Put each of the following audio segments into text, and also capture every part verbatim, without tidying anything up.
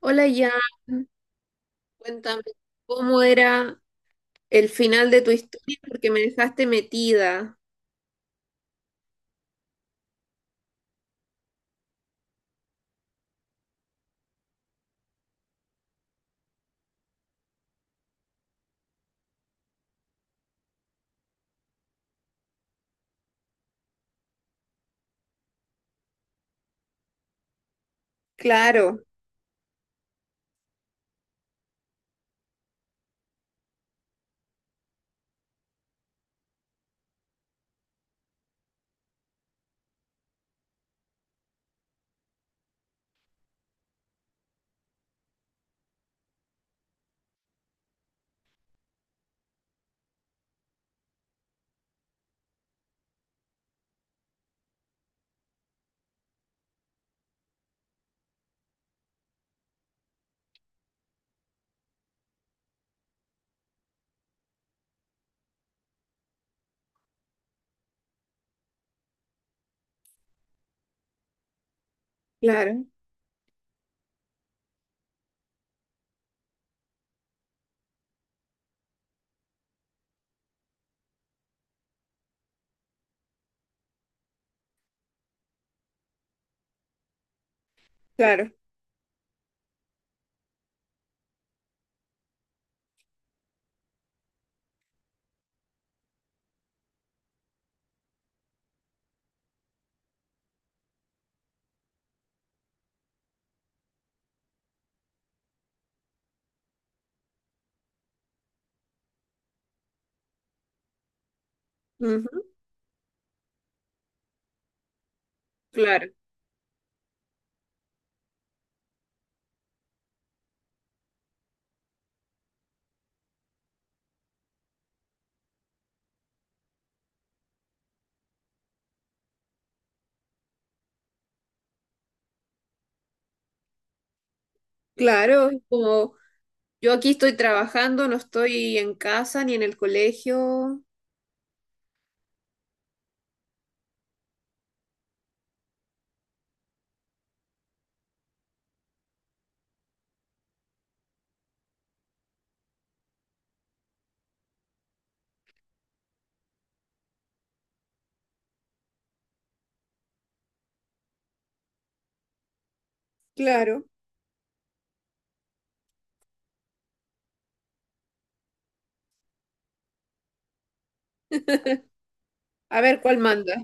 Hola Jan, cuéntame cómo era el final de tu historia porque me dejaste metida. Claro, claro, claro, ujú, claro, claro. es Como yo aquí estoy trabajando, no estoy en casa ni en el colegio. Claro. A ver cuál manda.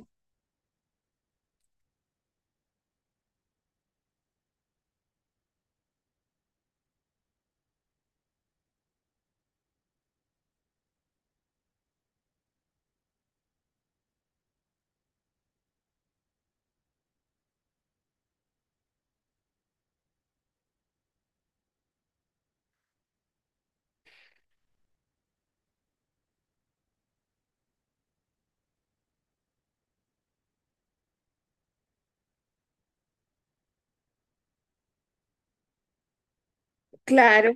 Claro.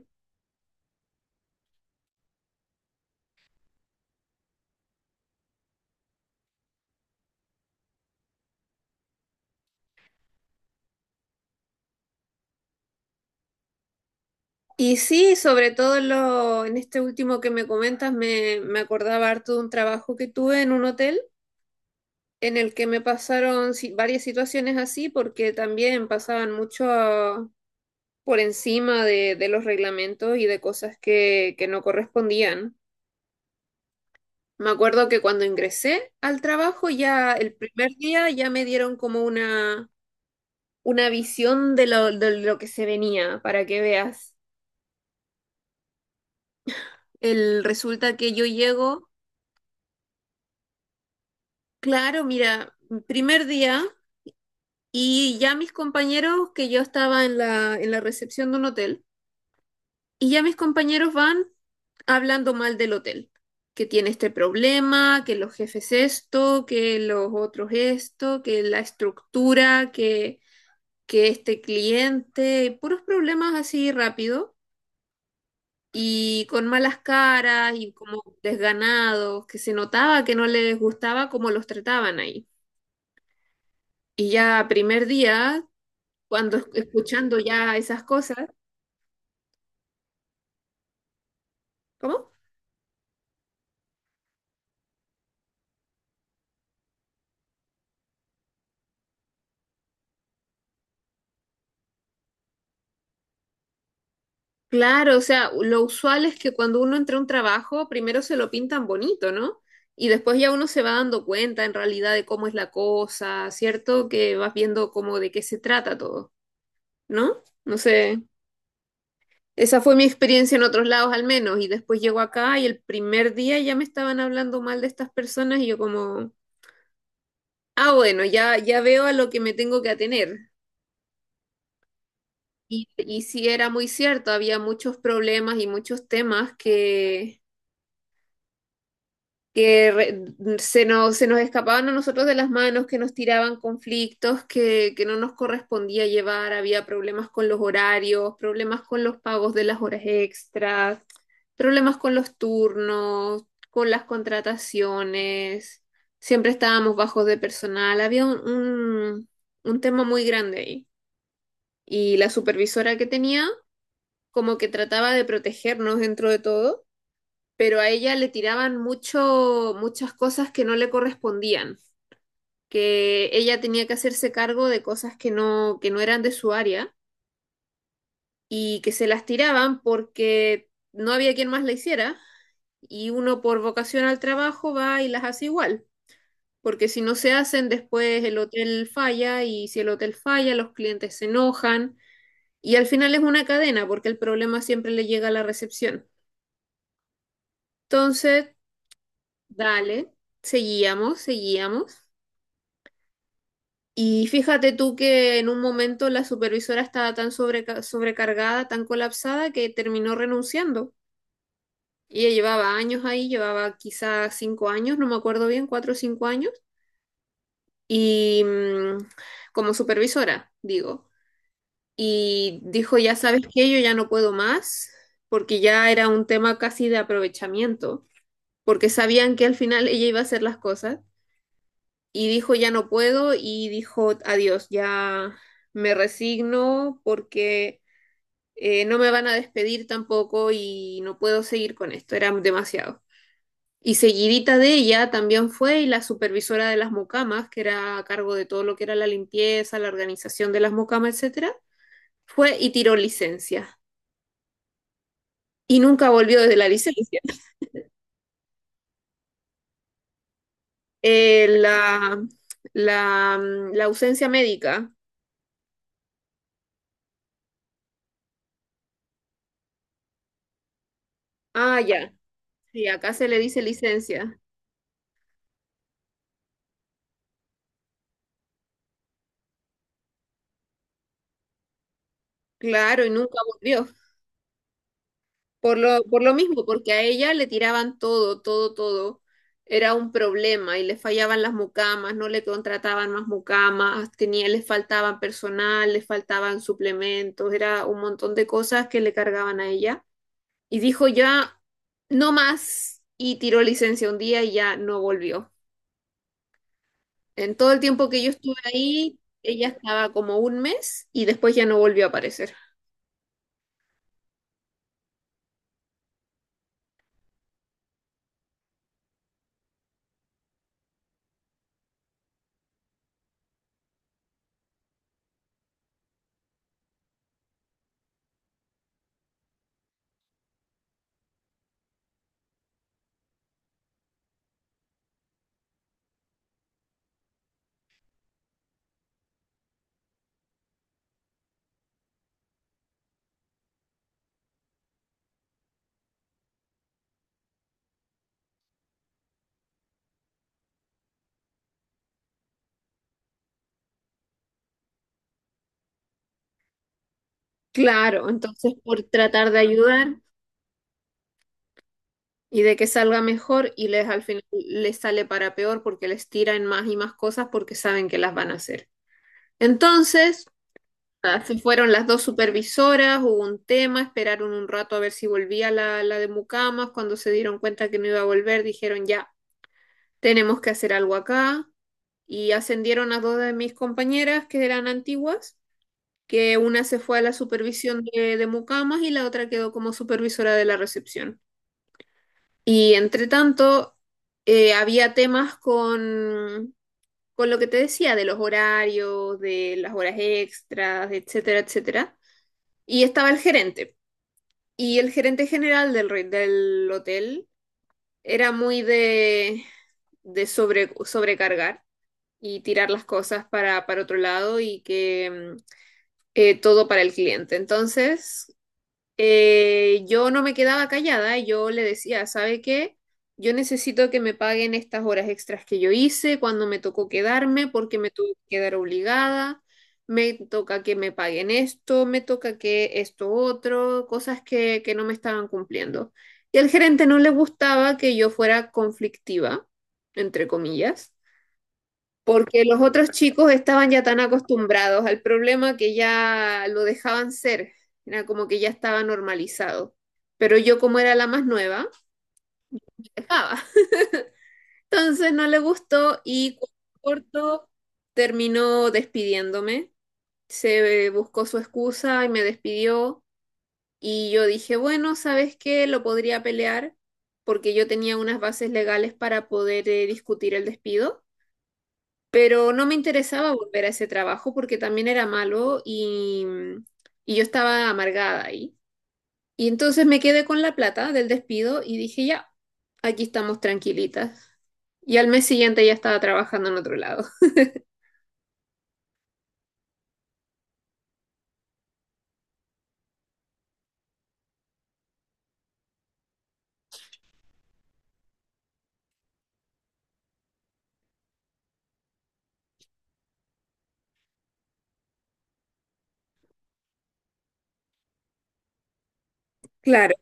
Y sí, sobre todo en, lo- en este último que me comentas, me, me acordaba harto de un trabajo que tuve en un hotel, en el que me pasaron si- varias situaciones así porque también pasaban mucho a- por encima de, de los reglamentos y de cosas que, que no correspondían. Me acuerdo que cuando ingresé al trabajo, ya el primer día ya me dieron como una, una visión de lo, de lo que se venía, para que veas. El, resulta que yo llego, claro, mira, primer día y ya mis compañeros, que yo estaba en la, en la recepción de un hotel. Y ya mis compañeros van hablando mal del hotel, que tiene este problema, que los jefes esto, que los otros esto, que la estructura, que, que este cliente, puros problemas así rápido y con malas caras y como desganados, que se notaba que no les gustaba cómo los trataban ahí. Y ya primer día, cuando escuchando ya esas cosas, ¿cómo? Claro, o sea, lo usual es que cuando uno entra a un trabajo, primero se lo pintan bonito, ¿no? Y después ya uno se va dando cuenta en realidad de cómo es la cosa, ¿cierto? Que vas viendo como de qué se trata todo, ¿no? No sé, esa fue mi experiencia en otros lados, al menos. Y después llego acá y el primer día ya me estaban hablando mal de estas personas, y yo como, ah, bueno, ya, ya veo a lo que me tengo que atener. Y, y sí era muy cierto, había muchos problemas y muchos temas que que re- se nos, se nos escapaban a nosotros de las manos, que nos tiraban conflictos que, que no nos correspondía llevar, había problemas con los horarios, problemas con los pagos de las horas extras, problemas con los turnos, con las contrataciones, siempre estábamos bajos de personal, había un, un, un tema muy grande ahí. Y la supervisora que tenía como que trataba de protegernos dentro de todo, pero a ella le tiraban mucho, muchas cosas que no le correspondían, que ella tenía que hacerse cargo de cosas que no, que no eran de su área y que se las tiraban porque no había quien más la hiciera, y uno por vocación al trabajo va y las hace igual, porque si no se hacen después el hotel falla, y si el hotel falla los clientes se enojan, y al final es una cadena porque el problema siempre le llega a la recepción. Entonces, dale, seguíamos, seguíamos. Y fíjate tú que en un momento la supervisora estaba tan sobreca- sobrecargada, tan colapsada, que terminó renunciando. Ella llevaba años ahí, llevaba quizás cinco años, no me acuerdo bien, cuatro o cinco años, y mm, como supervisora, digo. Y dijo, ya sabes que yo ya no puedo más, porque ya era un tema casi de aprovechamiento, porque sabían que al final ella iba a hacer las cosas. Y dijo ya no puedo, y dijo adiós, ya me resigno, porque eh, no me van a despedir tampoco y no puedo seguir con esto, era demasiado. Y seguidita de ella también fue y la supervisora de las mocamas, que era a cargo de todo lo que era la limpieza, la organización de las mocamas, etcétera, fue y tiró licencia. Y nunca volvió desde la licencia. Eh, la, la, mm, la ausencia médica. Ah, ya. Sí, acá se le dice licencia. Claro, y nunca volvió. Por lo, por lo mismo, porque a ella le tiraban todo, todo, todo. Era un problema y le fallaban las mucamas, no le contrataban más mucamas, tenía, les faltaban personal, les faltaban suplementos, era un montón de cosas que le cargaban a ella. Y dijo ya, no más, y tiró licencia un día y ya no volvió. En todo el tiempo que yo estuve ahí, ella estaba como un mes y después ya no volvió a aparecer. Claro, entonces por tratar de ayudar. Y de que salga mejor, y les, al final les sale para peor porque les tiran más y más cosas porque saben que las van a hacer. Entonces, nada, se fueron las dos supervisoras, hubo un tema, esperaron un rato a ver si volvía la, la de Mucamas. Cuando se dieron cuenta que no iba a volver, dijeron ya, tenemos que hacer algo acá. Y ascendieron a dos de mis compañeras que eran antiguas, que una se fue a la supervisión de, de Mucamas y la otra quedó como supervisora de la recepción. Y entre tanto, eh, había temas con, con lo que te decía, de los horarios, de las horas extras, etcétera, etcétera. Y estaba el gerente. Y el gerente general del, re- del hotel era muy de, de sobre, sobrecargar y tirar las cosas para, para otro lado, y que mm, eh, todo para el cliente. Entonces, eh, yo no me quedaba callada, yo le decía, ¿sabe qué? Yo necesito que me paguen estas horas extras que yo hice cuando me tocó quedarme, porque me tuve que quedar obligada, me toca que me paguen esto, me toca que esto otro, cosas que, que no me estaban cumpliendo. Y al gerente no le gustaba que yo fuera conflictiva, entre comillas, porque los otros chicos estaban ya tan acostumbrados al problema que ya lo dejaban ser, era como que ya estaba normalizado. Pero yo, como era la más nueva, dejaba. Entonces no le gustó y corto, terminó despidiéndome. Se eh, Buscó su excusa y me despidió, y yo dije, bueno, ¿sabes qué? Lo podría pelear porque yo tenía unas bases legales para poder eh, discutir el despido. Pero no me interesaba volver a ese trabajo porque también era malo, y, mm, y yo estaba amargada ahí. Y entonces me quedé con la plata del despido y dije, ya, aquí estamos tranquilitas. Y al mes siguiente ya estaba trabajando en otro lado. Claro,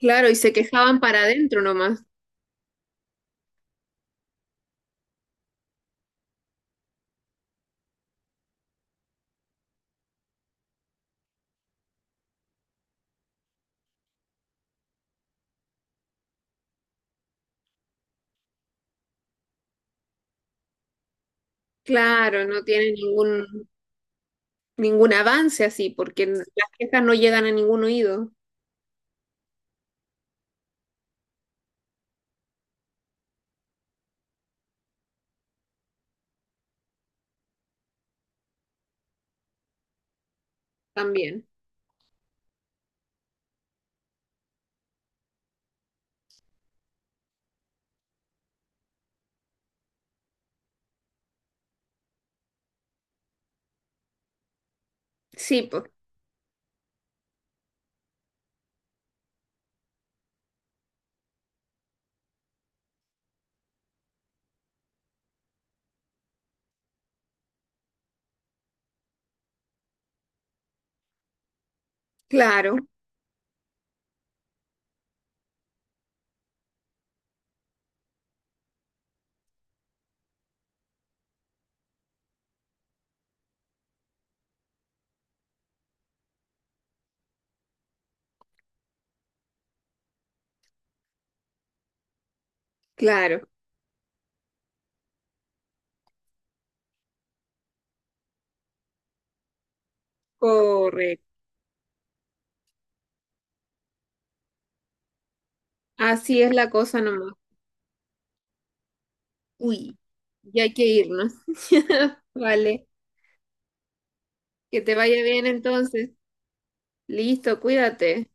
claro, y se quejaban para adentro nomás. Claro, no tiene ningún, ningún avance así porque las quejas no llegan a ningún oído también. Sí, pues, claro, claro, correcto. Así es la cosa nomás. Uy, ya hay que irnos. Vale, que te vaya bien entonces. Listo, cuídate.